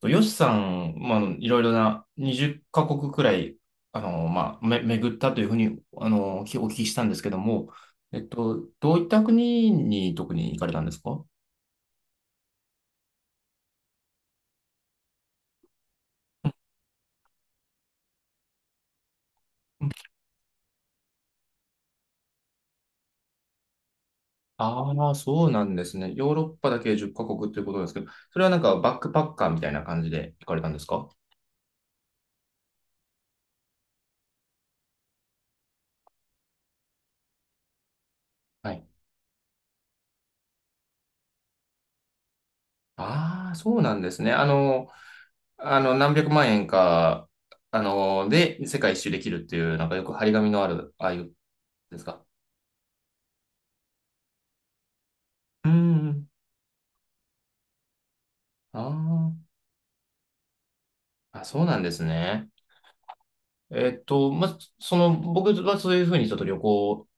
とヨシさん、まあ、いろいろな20カ国くらい、まあ、巡ったというふうに、お聞きしたんですけども、どういった国に特に行かれたんですか？ああー、そうなんですね。ヨーロッパだけ10カ国ということですけど、それはなんかバックパッカーみたいな感じで行かれたんですか？はい。ああ、そうなんですね。何百万円か、で、世界一周できるっていう、なんかよく張り紙のある、ああいうですか。うんうん。ああ。あ、そうなんですね。まあ、その、僕はそういうふうにちょっと旅行、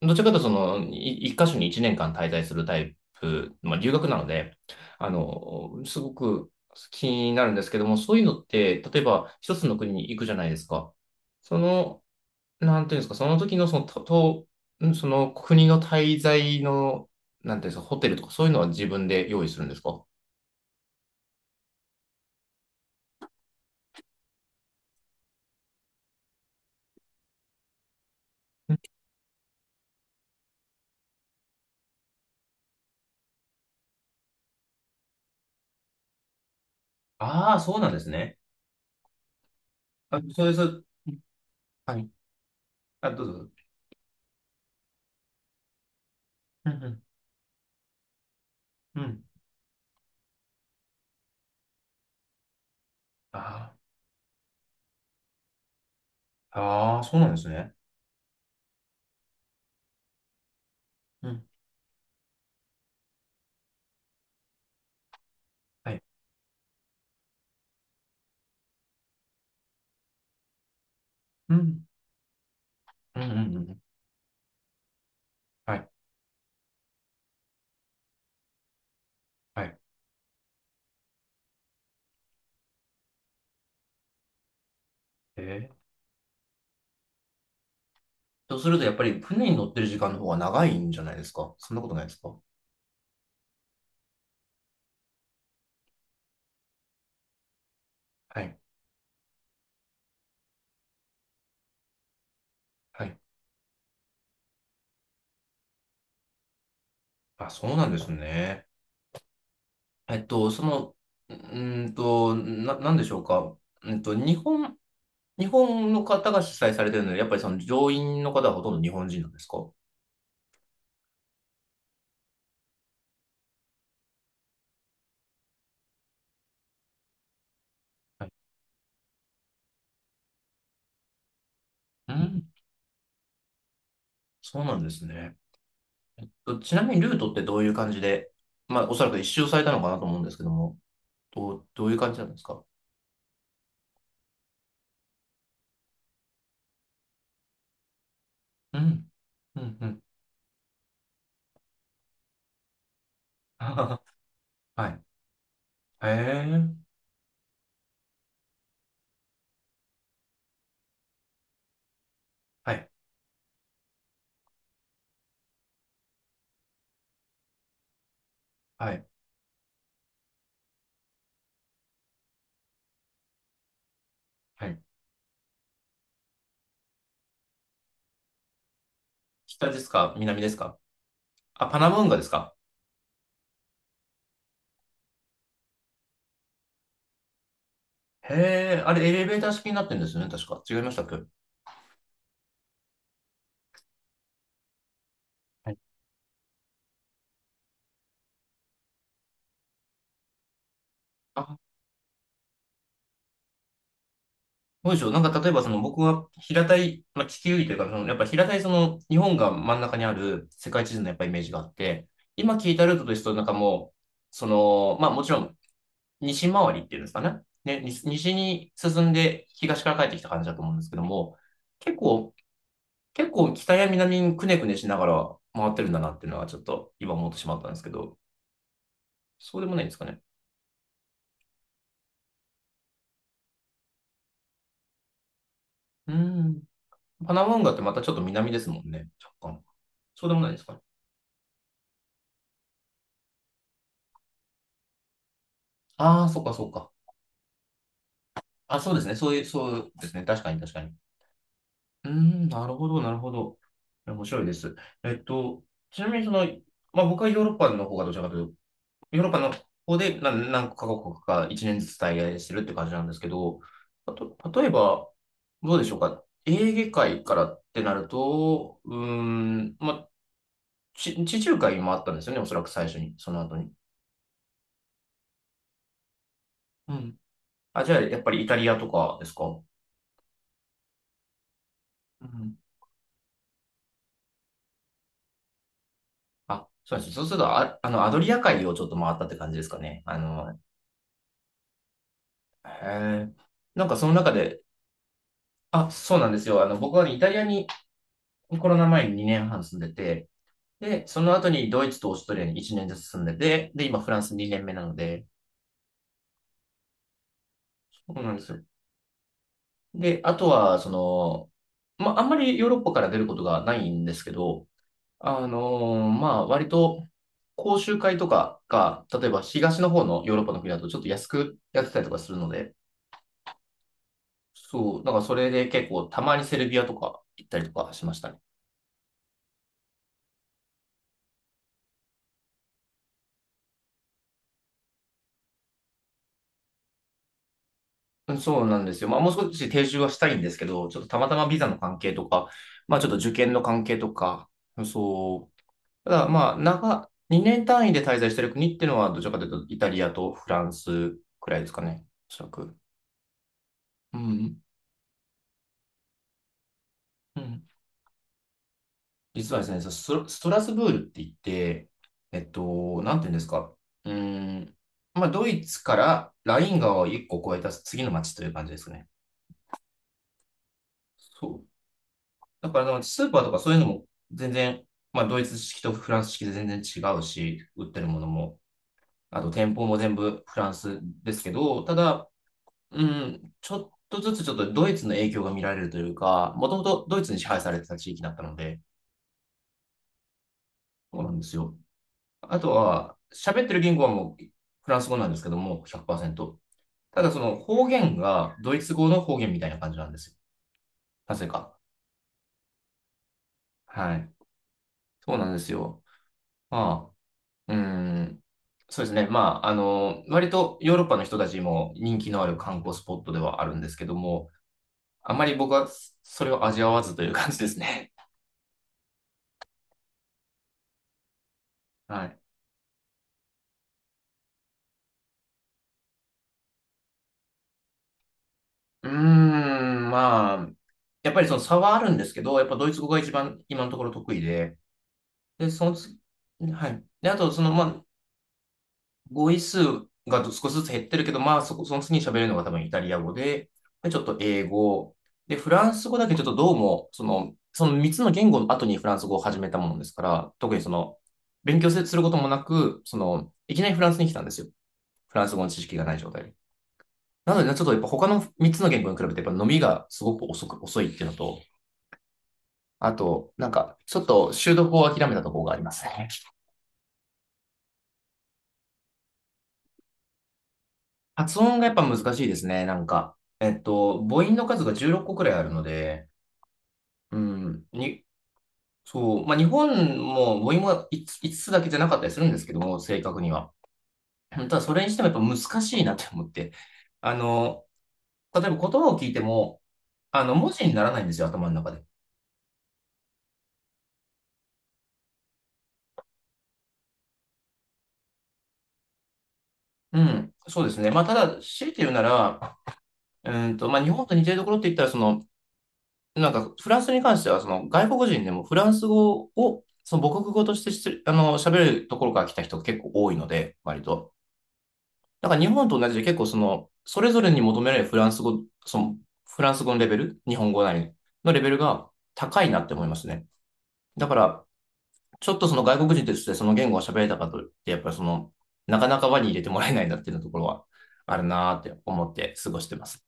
どちらかというとその、一箇所に一年間滞在するタイプ、まあ、留学なので、すごく気になるんですけども、そういうのって、例えば一つの国に行くじゃないですか。その、なんていうんですか、その時のその、と、とんその国の滞在の、なんていうんですか、ホテルとかそういうのは自分で用意するんですか？ああ、そうなんですね。あ、そうです。はい。あ、どうぞ。うんうんうんあーあー、そうなんですね。うん。はい。うん。うんうんうんうん。はい。はい。えー、とすると、やっぱり船に乗ってる時間の方が長いんじゃないですか？そんなことないですか？はい。はい。あ、そうなんですね。その、なんでしょうか？うんと、日本、日本の方が主催されてるので、やっぱりその乗員の方はほとんど日本人なんですか？はい。うん。そうなんですね。とちなみにルートってどういう感じで、まあ、おそらく一周されたのかなと思うんですけども。どういう感じなんですか？うん、うん、うん。はい。へえ。はい、はい、はい。北ですか南ですか？あ、パナム運河ですか？へえ、あれエレベーター式になってるんですよね、確か。違いましたっけ？はい。あ、そうでしょう。なんか例えばその僕が平たい、まあ、地球儀というか、そのやっぱ平たいその日本が真ん中にある世界地図のやっぱイメージがあって、今聞いたルートですとなんかもう、その、まあもちろん西回りっていうんですかね。西に進んで東から帰ってきた感じだと思うんですけども、結構、結構北や南にくねくねしながら回ってるんだなっていうのはちょっと今思ってしまったんですけど、そうでもないんですかね。うん。パナマ運河ってまたちょっと南ですもんね。若干。そうでもないですかね。ああ、そっかそっか。あ、そうですね。そういう、そうですね。確かに確かに。うーん、なるほど、なるほど。面白いです。えっと、ちなみにその、まあ僕はヨーロッパの方がどちらかというヨーロッパの方で何カ国か1年ずつ滞在してるって感じなんですけど、あと、例えば、どうでしょうか。エーゲ海からってなると、うーん、まあ、地中海もあったんですよね、おそらく最初に、その後に。うん。あ、じゃあ、やっぱりイタリアとかですか？うん。あ、そうです。そうすると、あ、アドリア海をちょっと回ったって感じですかね。へえ。なんかその中で、あ、そうなんですよ。僕はね、イタリアにコロナ前に2年半住んでて、で、その後にドイツとオーストリアに1年ずつ住んでて、で、今フランス2年目なので、そうなんですよ。で、あとは、その、まあ、あんまりヨーロッパから出ることがないんですけど、まあ、割と、講習会とかが、例えば東の方のヨーロッパの国だとちょっと安くやってたりとかするので、そう、だからそれで結構たまにセルビアとか行ったりとかしましたね。うんそうなんですよ。まあ、もう少し定住はしたいんですけど、ちょっとたまたまビザの関係とか、まあ、ちょっと受験の関係とか、そう、ただ、まあ、2年単位で滞在してる国っていうのは、どちらかというと、イタリアとフランスくらいですかね。おそらく。うん。うん。実はですね、そスト、ストラスブールって言って、なんていうんですか。うーん。まあ、ドイツからライン川を1個越えた次の町という感じですね。そう。だからスーパーとかそういうのも全然、まあ、ドイツ式とフランス式で全然違うし、売ってるものも、あと店舗も全部フランスですけど、ただ、うん、ちょっとずつちょっとドイツの影響が見られるというか、もともとドイツに支配されてた地域だったので、そうなんですよ。あとは、喋ってる言語はもうフランス語なんですけども、100%。ただその方言がドイツ語の方言みたいな感じなんですよ。なぜか。はい。そうなんですよ。まあ、うん。そうですね。まあ、割とヨーロッパの人たちも人気のある観光スポットではあるんですけども、あまり僕はそれを味わわずという感じですね。はい。うーん、まあ、やっぱりその差はあるんですけど、やっぱドイツ語が一番今のところ得意で、で、その次、はい。で、あと、その、まあ、語彙数が少しずつ減ってるけど、まあ、その次に喋れるのが多分イタリア語で、で、ちょっと英語、で、フランス語だけちょっとどうも、その、その3つの言語の後にフランス語を始めたものですから、特にその、勉強することもなく、その、いきなりフランスに来たんですよ。フランス語の知識がない状態で。なので、ちょっとやっぱ他の3つの言語に比べて、やっぱ伸びがすごく遅いっていうのと、あと、なんか、ちょっと習得を諦めたところがありますね。発音がやっぱ難しいですね、なんか。母音の数が16個くらいあるので、うん、そう、まあ、日本も母音も 5, ついつつだけじゃなかったりするんですけども、正確には。ただ、それにしてもやっぱ難しいなって思って。あの、例えば言葉を聞いても、文字にならないんですよ、頭の中で。うん、そうですね。まあ、ただ、強いて言うなら、まあ、日本と似てるところって言ったら、その、なんか、フランスに関しては、その、外国人でもフランス語を、その母国語としてしつあの、喋るところから来た人が結構多いので、割と。だから日本と同じで結構その、それぞれに求められるフランス語、その、フランス語のレベル、日本語なりのレベルが高いなって思いますね。だから、ちょっとその外国人としてその言語を喋れたかといって、やっぱりその、なかなか輪に入れてもらえないなっていうところはあるなーって思って過ごしてます。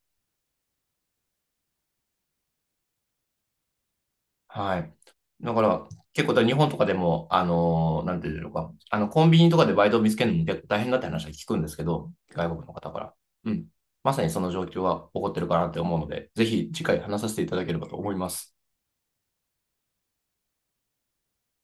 はい。だから、結構だから日本とかでも、なんていうのか、コンビニとかでバイトを見つけるのも結構大変だって話は聞くんですけど、外国の方から。うん。まさにその状況は起こってるかなって思うので、ぜひ次回話させていただければと思います。